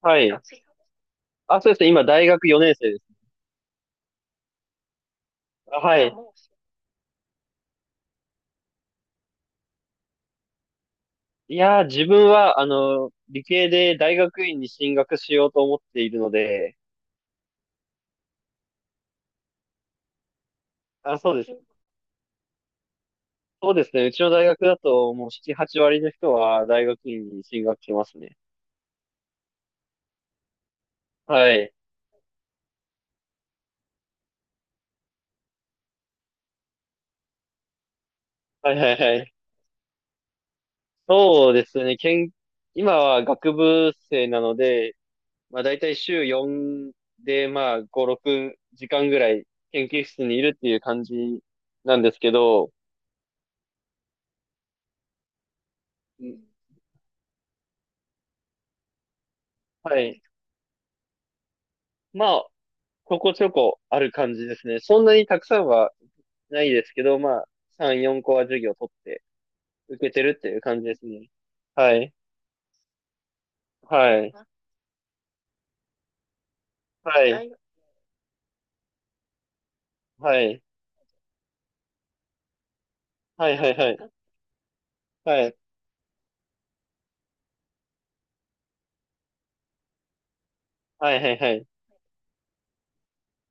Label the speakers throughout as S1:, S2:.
S1: はい。あ、そうですね。今、大学4年生です。あ、はい。いやー、自分は、理系で大学院に進学しようと思っているので、あ、そうです。そうですね。うちの大学だと、もう7、8割の人は大学院に進学してますね。はい。はいはいはい。そうですね。今は学部生なので、まあ大体週4で、まあ5、6時間ぐらい研究室にいるっていう感じなんですけど、うんはい。まあ、ここちょこある感じですね。そんなにたくさんはないですけど、まあ、3、4個は授業取って受けてるっていう感じですね。はい、はい、はい、はい、はい、はい、はい、はい、はい、はい、はい。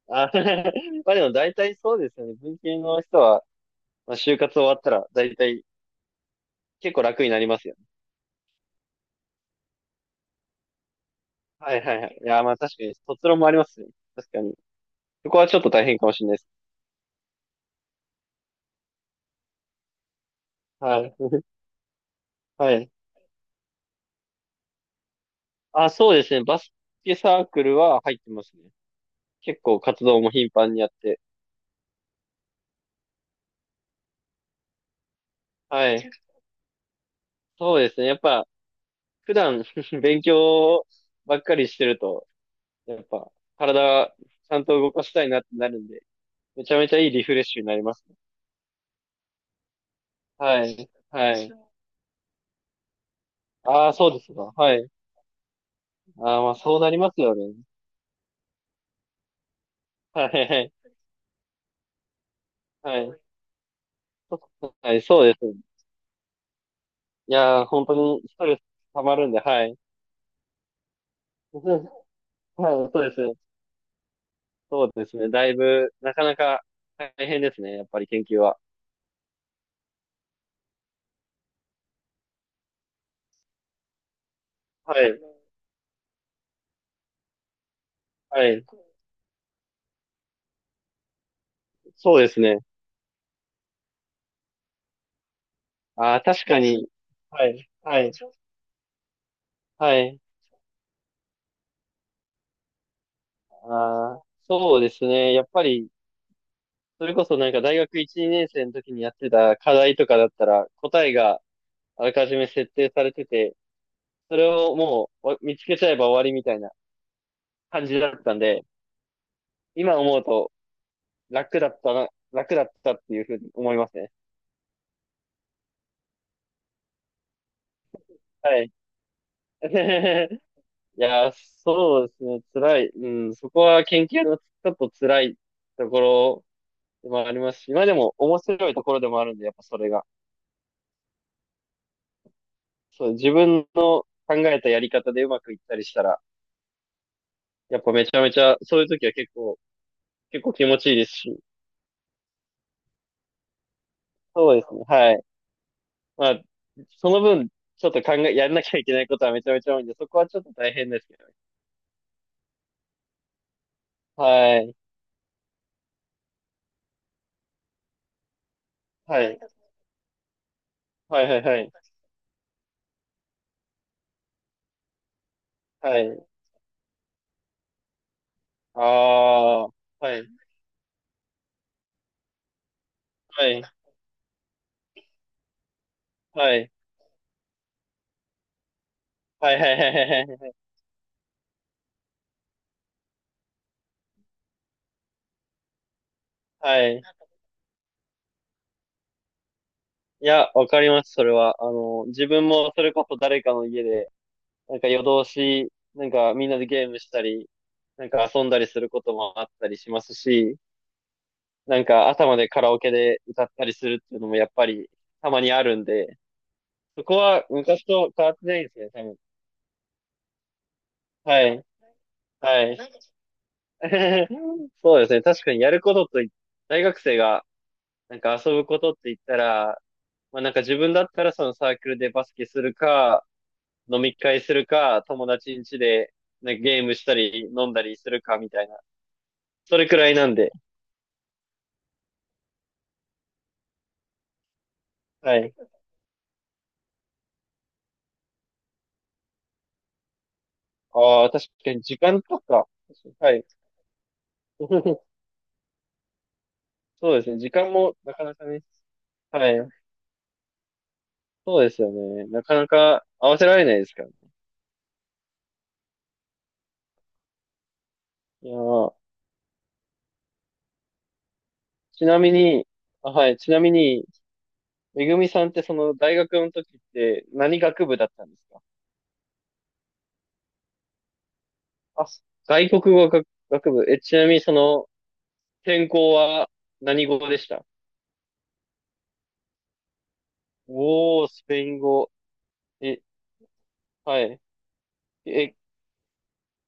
S1: あ、まあでも大体そうですよね。文系の人は、まあ、就活終わったら大体結構楽になりますよね。はいはいはい。いや、まあ確かに卒論もありますね。確かに。そこはちょっと大変かもしれないです。はい。はい。あ、そうですね。バスケサークルは入ってますね。結構活動も頻繁にやって。はい。そうですね。やっぱ、普段 勉強ばっかりしてると、やっぱ、体、ちゃんと動かしたいなってなるんで、めちゃめちゃいいリフレッシュになりますね。はい。はい。ああ、そうですか。はい。ああ、まあ、そうなりますよね。はい。はい。はい、そうですね。いやー、本当にストレス溜まるんで、はい。はい、そうですね。そうですね。だいぶ、なかなか大変ですね。やっぱり研究は。はい。はい。そうですね。ああ、確かに。はい。はい。はい。ああ、そうですね。やっぱり、それこそなんか大学1、2年生の時にやってた課題とかだったら、答えがあらかじめ設定されてて、それをもう見つけちゃえば終わりみたいな感じだったんで、今思うと楽だったな、楽だったっていうふうに思いますね。はい。いやー、そうですね。辛い。うん、そこは研究のちょっと辛いところまあありますし、今でも面白いところでもあるんで、やっぱそれが。そう、自分の考えたやり方でうまくいったりしたら、やっぱめちゃめちゃ、そういう時は結構、結構気持ちいいですし、そうですね、はい。まあ、その分、ちょっと考え、やらなきゃいけないことはめちゃめちゃ多いんで、そこはちょっと大変ですけどね。はい、はい、はい、はい、はい、はい、ああ、はい、はい、はい、はい、はい、はい、はい、はい、はい。いや、わかります、それは。自分もそれこそ誰かの家で、なんか夜通し、なんかみんなでゲームしたり、なんか遊んだりすることもあったりしますし、なんか朝までカラオケで歌ったりするっていうのもやっぱりたまにあるんで、そこは昔と変わってないですね、多分。はい。はい。そうですね。確かにやること大学生がなんか遊ぶことって言ったら、まあなんか自分だったらそのサークルでバスケするか、飲み会するか、友達ん家でなんかゲームしたり飲んだりするかみたいな、それくらいなんで、はい。ああ、確かに時間とか。はい。そうですね。時間もなかなかね。はい。そうですよね。なかなか合わせられないですからね。いやーちなみに、あ、はい。ちなみに、めぐみさんってその大学の時って何学部だったんですか？あ、外国語学、学部。え、ちなみにその専攻は何語でした？おー、スペイン語。え、はい。え、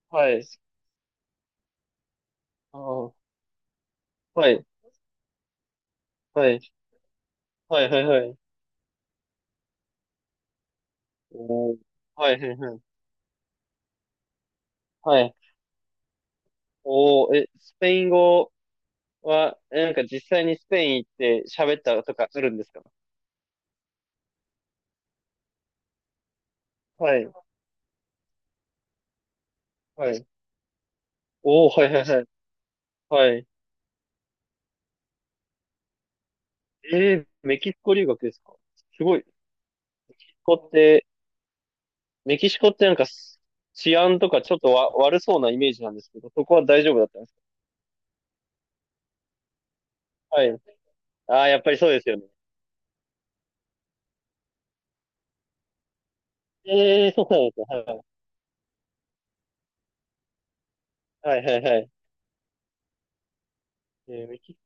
S1: はい。あー、はい。はい。はい、はい、はい。おーはいはいはい。はい。おー、え、スペイン語は、え、なんか実際にスペイン行って喋ったとかあるんですか？はい。はい。おー、はいはいはい。はい。えー、メキシコ留学ですか？すごい。シコって、メキシコってなんか治安とかちょっと悪そうなイメージなんですけど、そこは大丈夫だったんですか？はい。ああ、やっぱりそうですよね。ええー、そうなんですよ。はいはいはいはい。えー、メキシ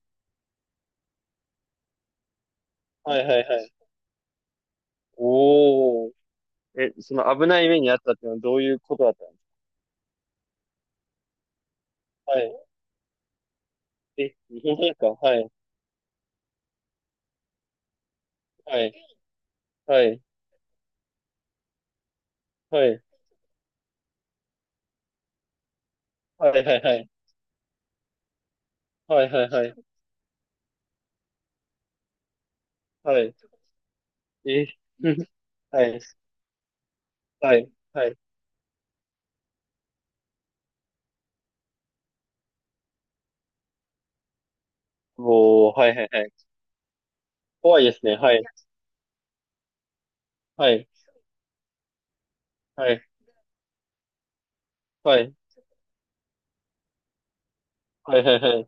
S1: コ。はいはいはい。おー。え、その危ない目にあったっていうのはどういうことだったんですか？え、本当ですか？はい、はい、はい、はい、はい、はい、はい、はい、はい、はい、はい、え、はい、はい、はい、もう、はい、はい、はい、怖いですね、はい、はい、はい、はい、はい、はい、はい、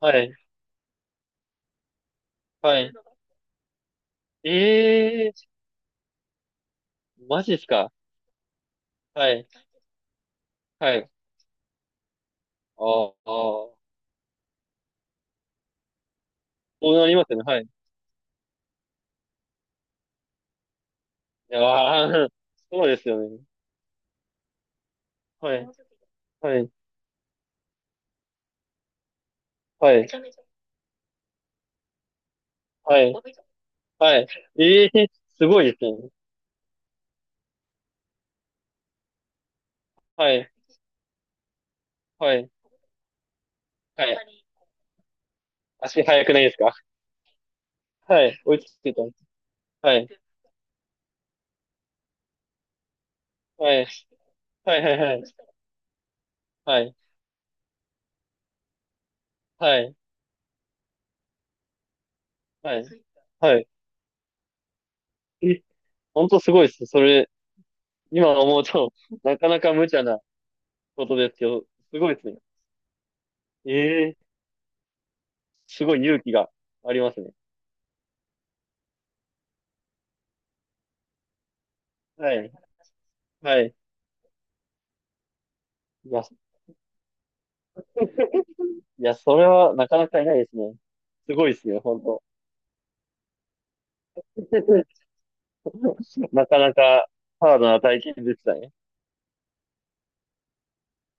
S1: はい、はい、ええー、マジですか？はい、はい、あーあー、そうなりますよね、はい、ああ、そうですよね、はい、はい、はい、はい、はい、ええー、すごいですね、はい、はい、はい。足速くないですか？はい。追いついてたんです。はい。はい。はいはいはい。はい。はい。はい。はい。え、本当すごいです。それ、今思うと、なかなか無茶なことですけど、すごいですね。ええすごい勇気がありますね。はい。はい。いや、いや、それはなかなかいないですね。すごいですね、本当。なかなかハードな体験でしたね。